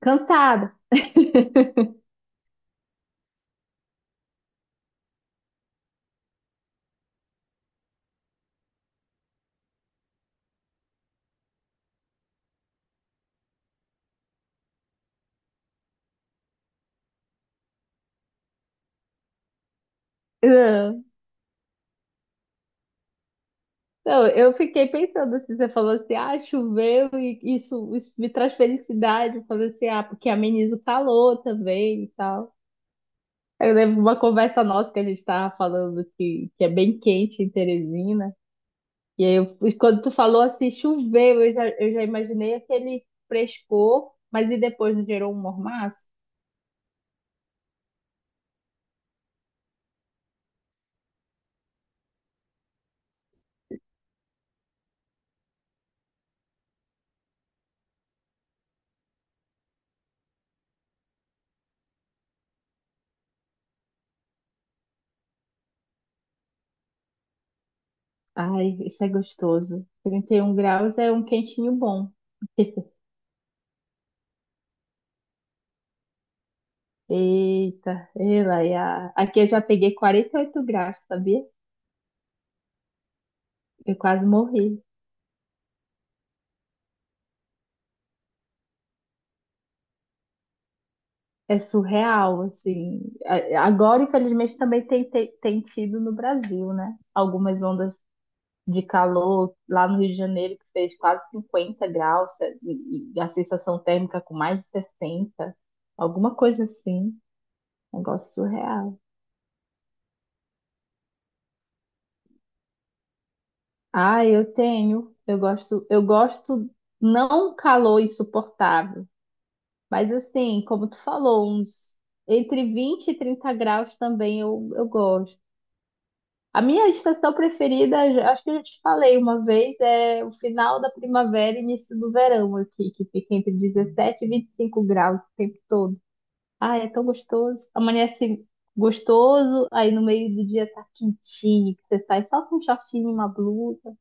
Cansada. Não, não, eu fiquei pensando assim, você falou assim, ah, choveu e isso me traz felicidade. Eu falei assim, ah, porque ameniza o calor também e tal. Eu lembro uma conversa nossa que a gente estava falando que é bem quente em Teresina. E aí, e quando tu falou assim, choveu, eu já imaginei aquele frescor, mas e depois não gerou um mormaço? Ai, isso é gostoso. 31 graus é um quentinho bom. Eita, Aqui eu já peguei 48 graus, sabia? Eu quase morri. É surreal, assim. Agora, infelizmente, também tem, tem tido no Brasil, né? Algumas ondas de calor lá no Rio de Janeiro que fez quase 50 graus e a sensação térmica com mais de 60, alguma coisa assim. Negócio surreal. Ah, eu tenho. Eu gosto não um calor insuportável. Mas assim, como tu falou, uns entre 20 e 30 graus também eu gosto. A minha estação preferida, acho que eu já te falei uma vez, é o final da primavera e início do verão aqui, que fica entre 17 e 25 graus o tempo todo. Ah, é tão gostoso. Amanhece gostoso, aí no meio do dia tá quentinho, que você sai só com um shortinho e uma blusa.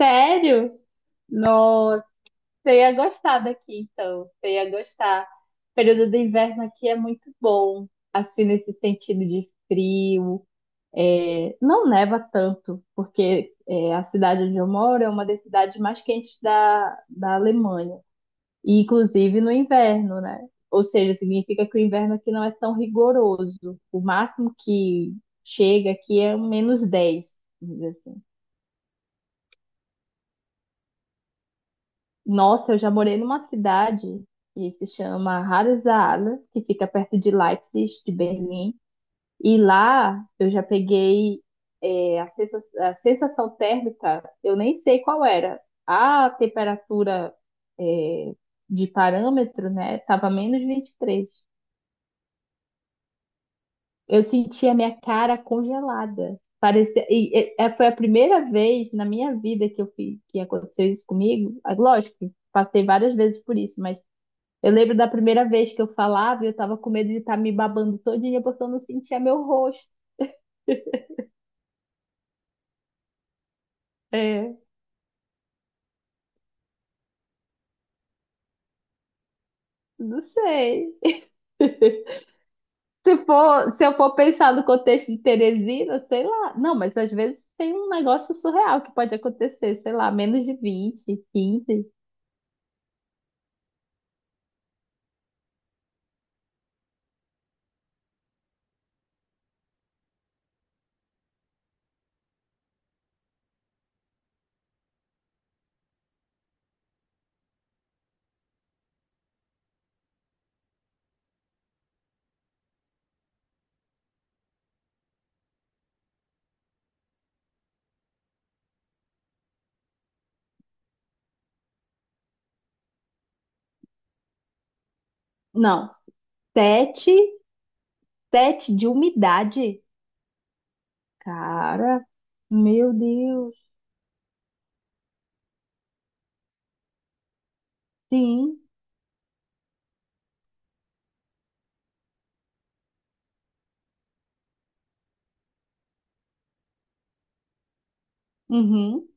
Sério? Nossa. Você ia gostar daqui, então. Você ia gostar. O período do inverno aqui é muito bom, assim, nesse sentido de frio. É, não neva tanto, a cidade onde eu moro é uma das cidades mais quentes da Alemanha, e inclusive no inverno, né? Ou seja, significa que o inverno aqui não é tão rigoroso. O máximo que chega aqui é -10, vamos dizer assim. Nossa, eu já morei numa cidade que se chama Harzala, que fica perto de Leipzig, de Berlim. E lá eu já peguei a a sensação térmica, eu nem sei qual era. A temperatura é, de parâmetro, né, estava menos 23. Eu senti a minha cara congelada. Parecia, foi a primeira vez na minha vida que aconteceu isso comigo. Ah, lógico, passei várias vezes por isso, mas eu lembro da primeira vez que eu falava, eu tava com medo de estar me babando todinha porque eu não sentia meu rosto. É, não sei. Se for, se eu for pensar no contexto de Teresina, sei lá. Não, mas às vezes tem um negócio surreal que pode acontecer, sei lá, menos de vinte, quinze. Não, sete, sete de umidade. Cara, meu Deus. Sim. Uhum.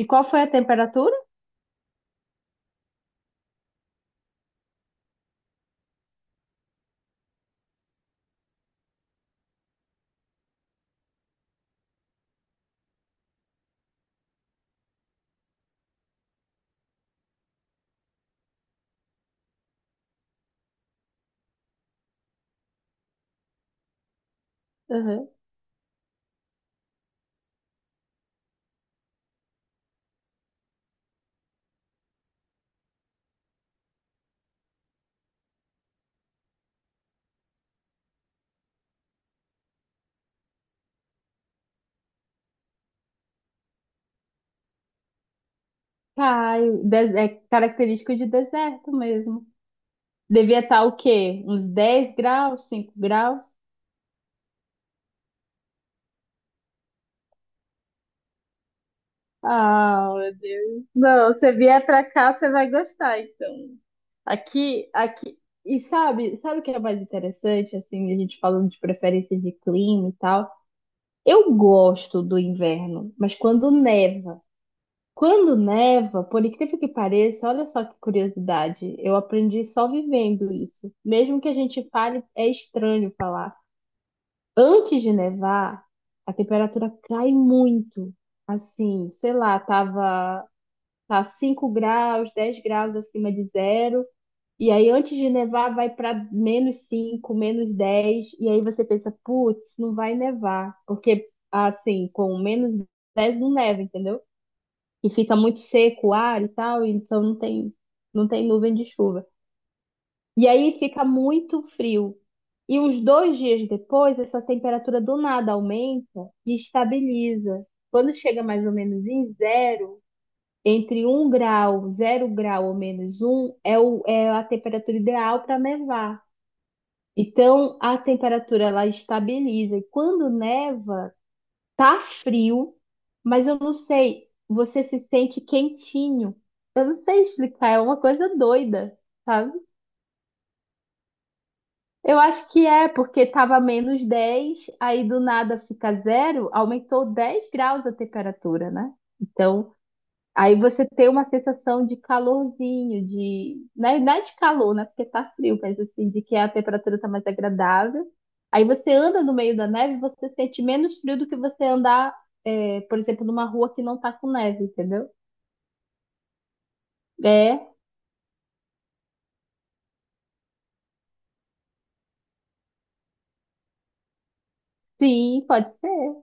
E qual foi a temperatura? Uhum. Pai, é característico de deserto mesmo. Devia estar o quê? Uns 10 graus, 5 graus? Ah, meu Deus. Não, você vier pra cá, você vai gostar, então. Aqui, aqui. E sabe, sabe o que é mais interessante, assim, a gente falando de preferência de clima e tal? Eu gosto do inverno, mas quando neva. Quando neva, por incrível que pareça, olha só que curiosidade, eu aprendi só vivendo isso. Mesmo que a gente fale, é estranho falar. Antes de nevar, a temperatura cai muito. Assim, sei lá, tava tá 5 graus, 10 graus acima de zero. E aí, antes de nevar, vai para menos 5, menos 10. E aí você pensa, putz, não vai nevar. Porque, assim, com menos 10, não neva, entendeu? E fica muito seco o ar e tal, então não tem nuvem de chuva. E aí fica muito frio. E uns dois dias depois, essa temperatura do nada aumenta e estabiliza. Quando chega mais ou menos em zero, entre um grau, zero grau ou menos um, é a temperatura ideal para nevar. Então, a temperatura ela estabiliza. E quando neva, tá frio, mas eu não sei, você se sente quentinho. Eu não sei explicar, é uma coisa doida, sabe? Eu acho que é, porque estava menos 10, aí do nada fica zero, aumentou 10 graus a temperatura, né? Então, aí você tem uma sensação de calorzinho, de. Não é, não é de calor, né? Porque tá frio, mas assim, de que a temperatura tá mais agradável. Aí você anda no meio da neve, você sente menos frio do que você andar, é, por exemplo, numa rua que não tá com neve, entendeu? É, sim, pode ser.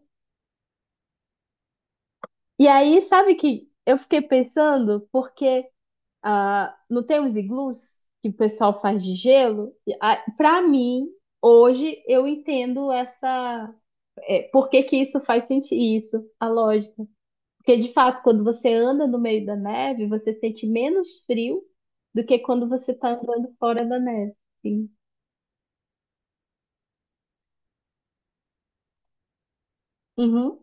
E aí, sabe que eu fiquei pensando, porque. Ah, não tem os iglus que o pessoal faz de gelo? Para mim, hoje eu entendo essa, é, por que que isso faz sentido, isso, a lógica. Porque de fato, quando você anda no meio da neve, você sente menos frio do que quando você está andando fora da neve. Sim. Uhum.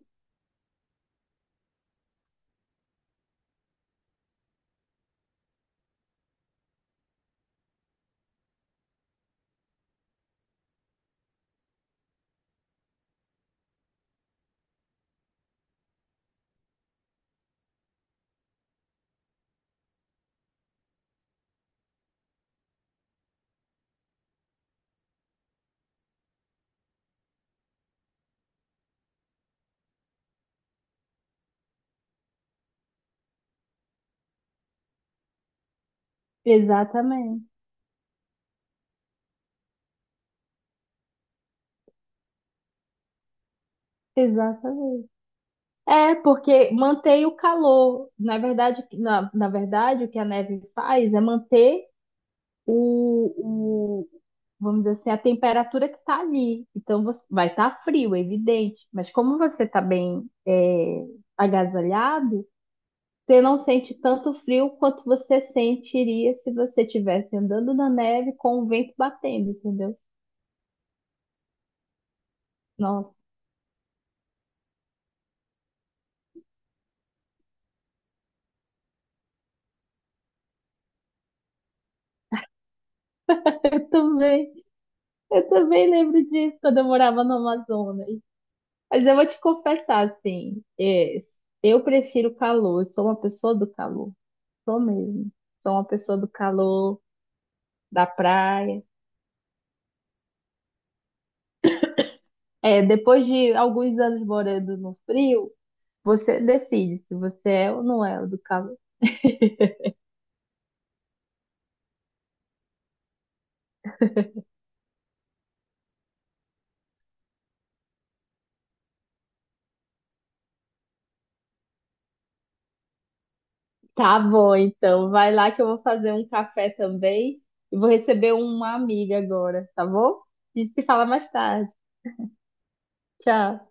Exatamente. Exatamente. É, porque mantém o calor. Na verdade, na verdade, o que a neve faz é manter o, vamos dizer assim, a temperatura que está ali. Vai estar frio, é evidente, mas como você está bem é, agasalhado, você não sente tanto frio quanto você sentiria se você estivesse andando na neve com o vento batendo, entendeu? Nossa, eu também, eu também lembro disso quando eu morava no Amazonas. Mas eu vou te confessar, assim, é, eu prefiro o calor, eu sou uma pessoa do calor, sou mesmo. Sou uma pessoa do calor, da praia. É, depois de alguns anos morando no frio, você decide se você é ou não é o do calor. Tá bom, então vai lá que eu vou fazer um café também e vou receber uma amiga agora, tá bom? A gente se fala mais tarde. Tchau.